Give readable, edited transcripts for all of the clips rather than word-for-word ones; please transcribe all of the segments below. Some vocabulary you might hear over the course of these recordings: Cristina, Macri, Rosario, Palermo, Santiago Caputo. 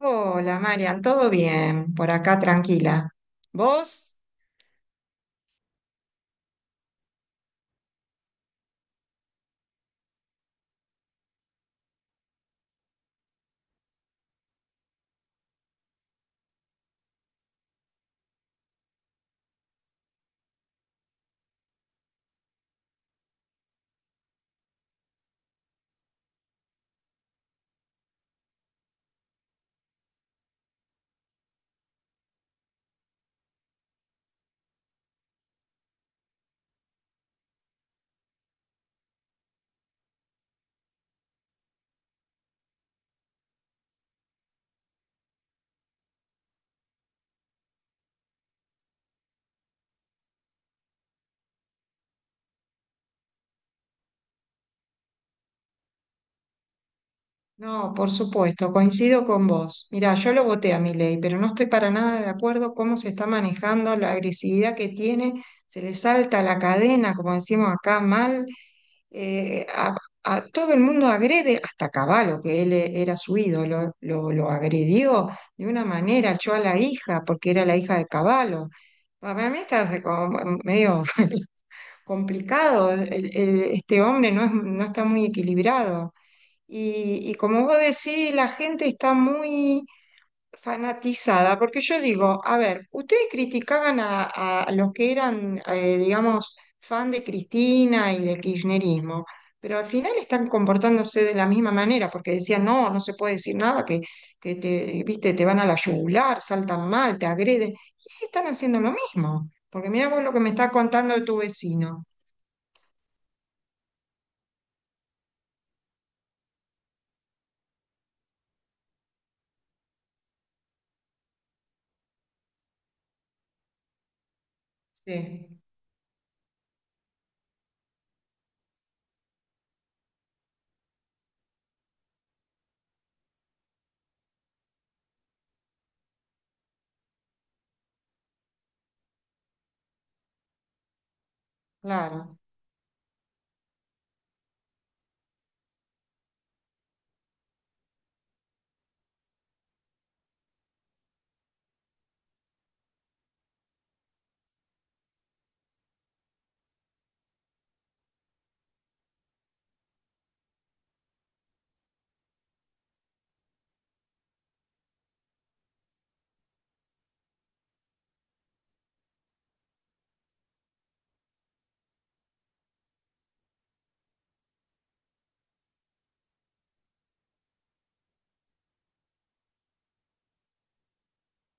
Hola, Marian, ¿todo bien? Por acá tranquila. ¿Vos? No, por supuesto, coincido con vos. Mirá, yo lo voté a mi ley, pero no estoy para nada de acuerdo cómo se está manejando, la agresividad que tiene, se le salta la cadena, como decimos acá, mal. eh, a, a todo el mundo agrede, hasta Caballo, que él era su ídolo, lo agredió de una manera, echó a la hija, porque era la hija de Caballo. Para mí está como medio complicado. Este hombre no está muy equilibrado. Y como vos decís, la gente está muy fanatizada, porque yo digo, a ver, ustedes criticaban a los que eran, digamos, fan de Cristina y del kirchnerismo, pero al final están comportándose de la misma manera, porque decían, no, no se puede decir nada, que te, viste, te van a la yugular, saltan mal, te agreden, y están haciendo lo mismo, porque mirá vos lo que me está contando de tu vecino. Sí, claro,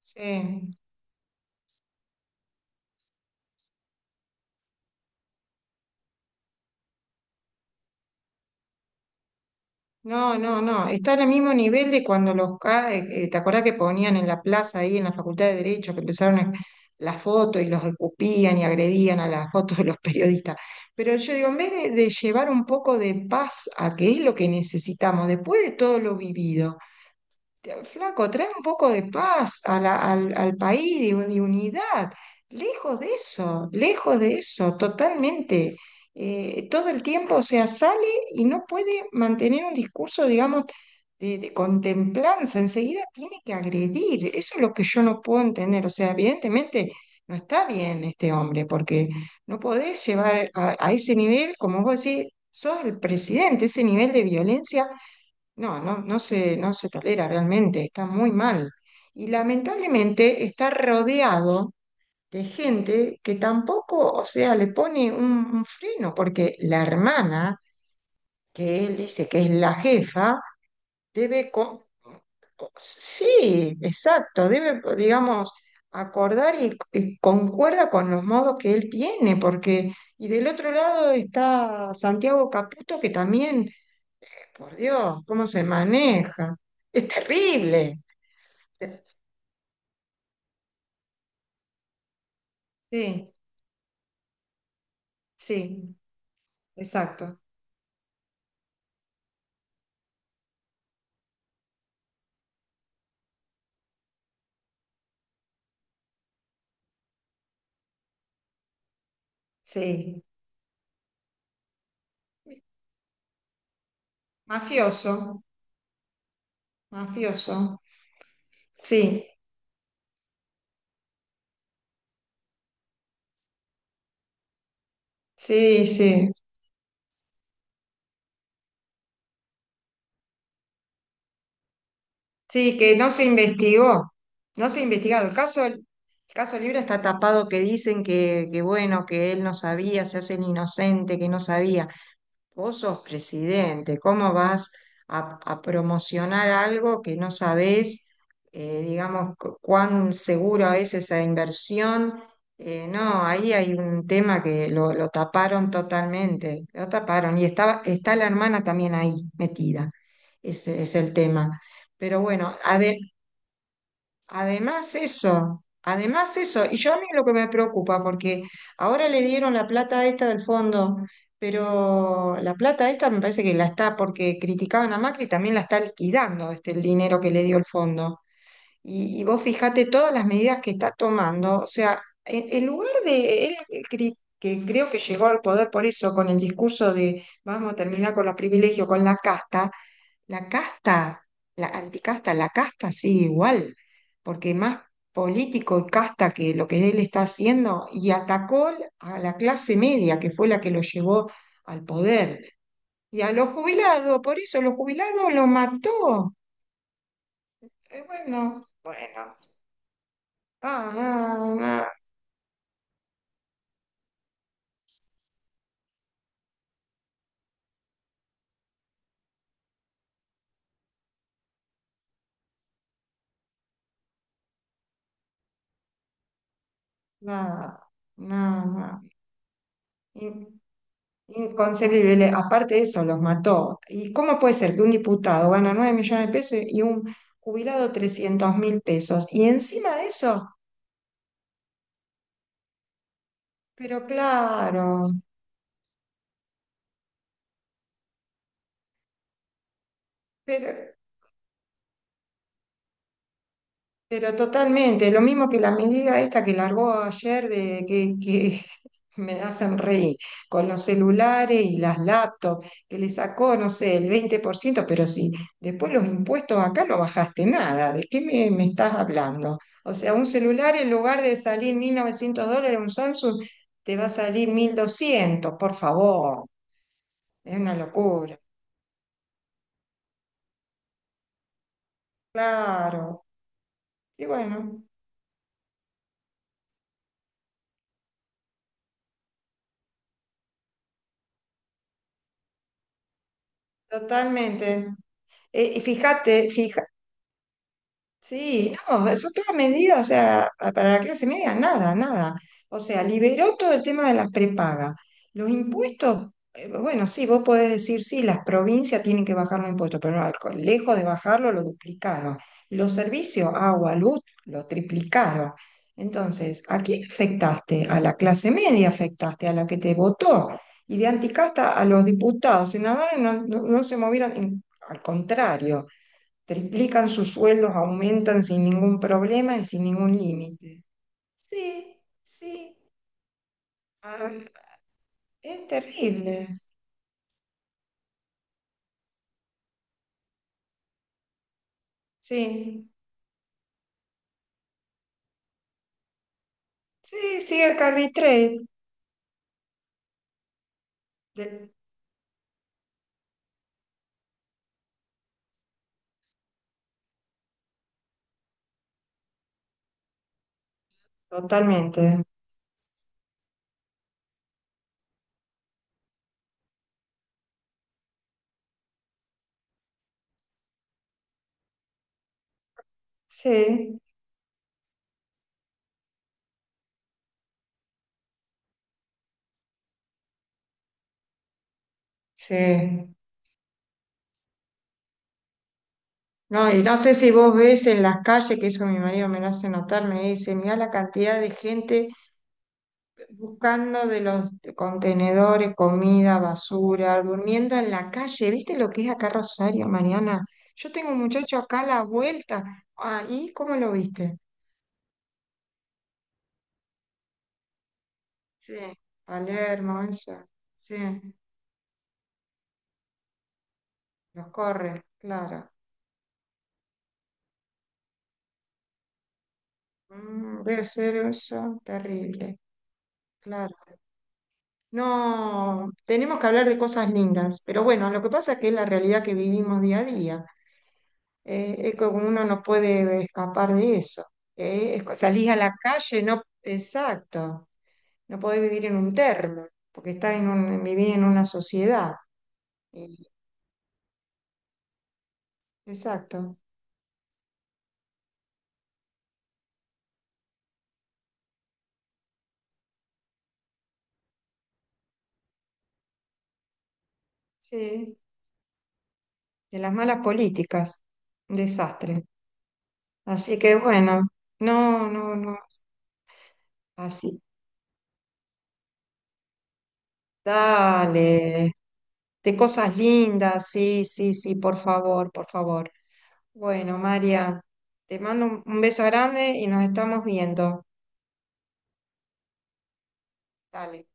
sí. No, no, no. Está al mismo nivel de cuando ¿te acordás que ponían en la plaza ahí, en la Facultad de Derecho, que las fotos y los escupían y agredían a las fotos de los periodistas? Pero yo digo, en vez de llevar un poco de paz a que es lo que necesitamos, después de todo lo vivido. Flaco, trae un poco de paz al país, de unidad. Lejos de eso, totalmente. Todo el tiempo, o sea, sale y no puede mantener un discurso, digamos, de contemplanza. Enseguida tiene que agredir. Eso es lo que yo no puedo entender. O sea, evidentemente no está bien este hombre, porque no podés llevar a ese nivel, como vos decís, sos el presidente, ese nivel de violencia no, no, no se tolera realmente, está muy mal. Y lamentablemente está rodeado de gente que tampoco, o sea, le pone un freno, porque la hermana, que él dice que es la jefa, debe, co- sí, exacto, debe, digamos, acordar y concuerda con los modos que él tiene, porque, y del otro lado está Santiago Caputo, que también, por Dios, cómo se maneja, es terrible. Sí, sí, exacto, sí. Mafioso, mafioso. Sí, sí, sí, sí que no se investigó, no se investigaron. El caso Libre está tapado que dicen que bueno, que él no sabía, se hace el inocente, que no sabía. Vos sos presidente, ¿cómo vas a promocionar algo que no sabés, digamos, cuán seguro es esa inversión? No, ahí hay un tema que lo taparon totalmente, lo taparon. Y estaba, está la hermana también ahí metida, ese es el tema. Pero bueno, ade- además eso, y yo a mí lo que me preocupa, porque ahora le dieron la plata esta del fondo, pero la plata esta me parece que la está, porque criticaban a Macri, también la está liquidando este, el dinero que le dio el fondo. Y vos fijate todas las medidas que está tomando, o sea, en lugar de él, que creo que llegó al poder por eso, con el discurso de vamos a terminar con los privilegios, con la casta, la casta, la anticasta, la casta sigue igual, porque más político y casta que lo que él está haciendo, y atacó a la clase media, que fue la que lo llevó al poder, y a los jubilados, por eso los jubilados lo mató. Bueno, bueno, ah, no, no, no, no, no. Inconcebible. Aparte de eso, los mató. ¿Y cómo puede ser que un diputado gana 9 millones de pesos y un jubilado 300 mil pesos? Y encima de eso, pero claro, pero Pero totalmente, lo mismo que la medida esta que largó ayer de que me hacen reír con los celulares y las laptops, que le sacó, no sé, el 20% pero si después los impuestos acá no bajaste nada, ¿de qué me estás hablando? O sea, un celular en lugar de salir 1.900 dólares, un Samsung, te va a salir 1.200 por favor, es una locura. Claro, y bueno, totalmente. Y fíjate, fíjate. Sí, no, eso toda medida, o sea, para la clase media, nada, nada. O sea, liberó todo el tema de las prepagas. Los impuestos, bueno, sí, vos podés decir, sí, las provincias tienen que bajar los impuestos, pero no, lejos de bajarlo, lo duplicaron. Los servicios, agua, luz, lo triplicaron. Entonces, ¿a quién afectaste? A la clase media afectaste, a la que te votó. Y de anticasta a los diputados, senadores no, no se movieron, al contrario triplican sus sueldos, aumentan sin ningún problema y sin ningún límite. Sí, sí, ah, es terrible. Sí, sí, sigue Carrie Trade. de- Totalmente. Sí, sí. No, y no sé si vos ves en las calles, que eso mi marido me lo hace notar, me dice, mirá la cantidad de gente buscando de los contenedores, comida, basura, durmiendo en la calle. ¿Viste lo que es acá Rosario, Mariana? Yo tengo un muchacho acá a la vuelta. Ahí, ¿cómo lo viste? Sí, Palermo, eso. Sí, los corre, claro. Mm, debe ser eso, terrible, claro. No, tenemos que hablar de cosas lindas, pero bueno, lo que pasa es que es la realidad que vivimos día a día. Es que uno no puede escapar de eso. Salís a la calle, no, exacto, no podés vivir en un termo, porque estás en un, vivís en una sociedad. y- exacto, sí, de las malas políticas, un desastre. Así que bueno, no, no, no, así, dale, de cosas lindas, sí, sí, sí, por favor, por favor. Bueno, María, te mando un beso grande y nos estamos viendo. Dale.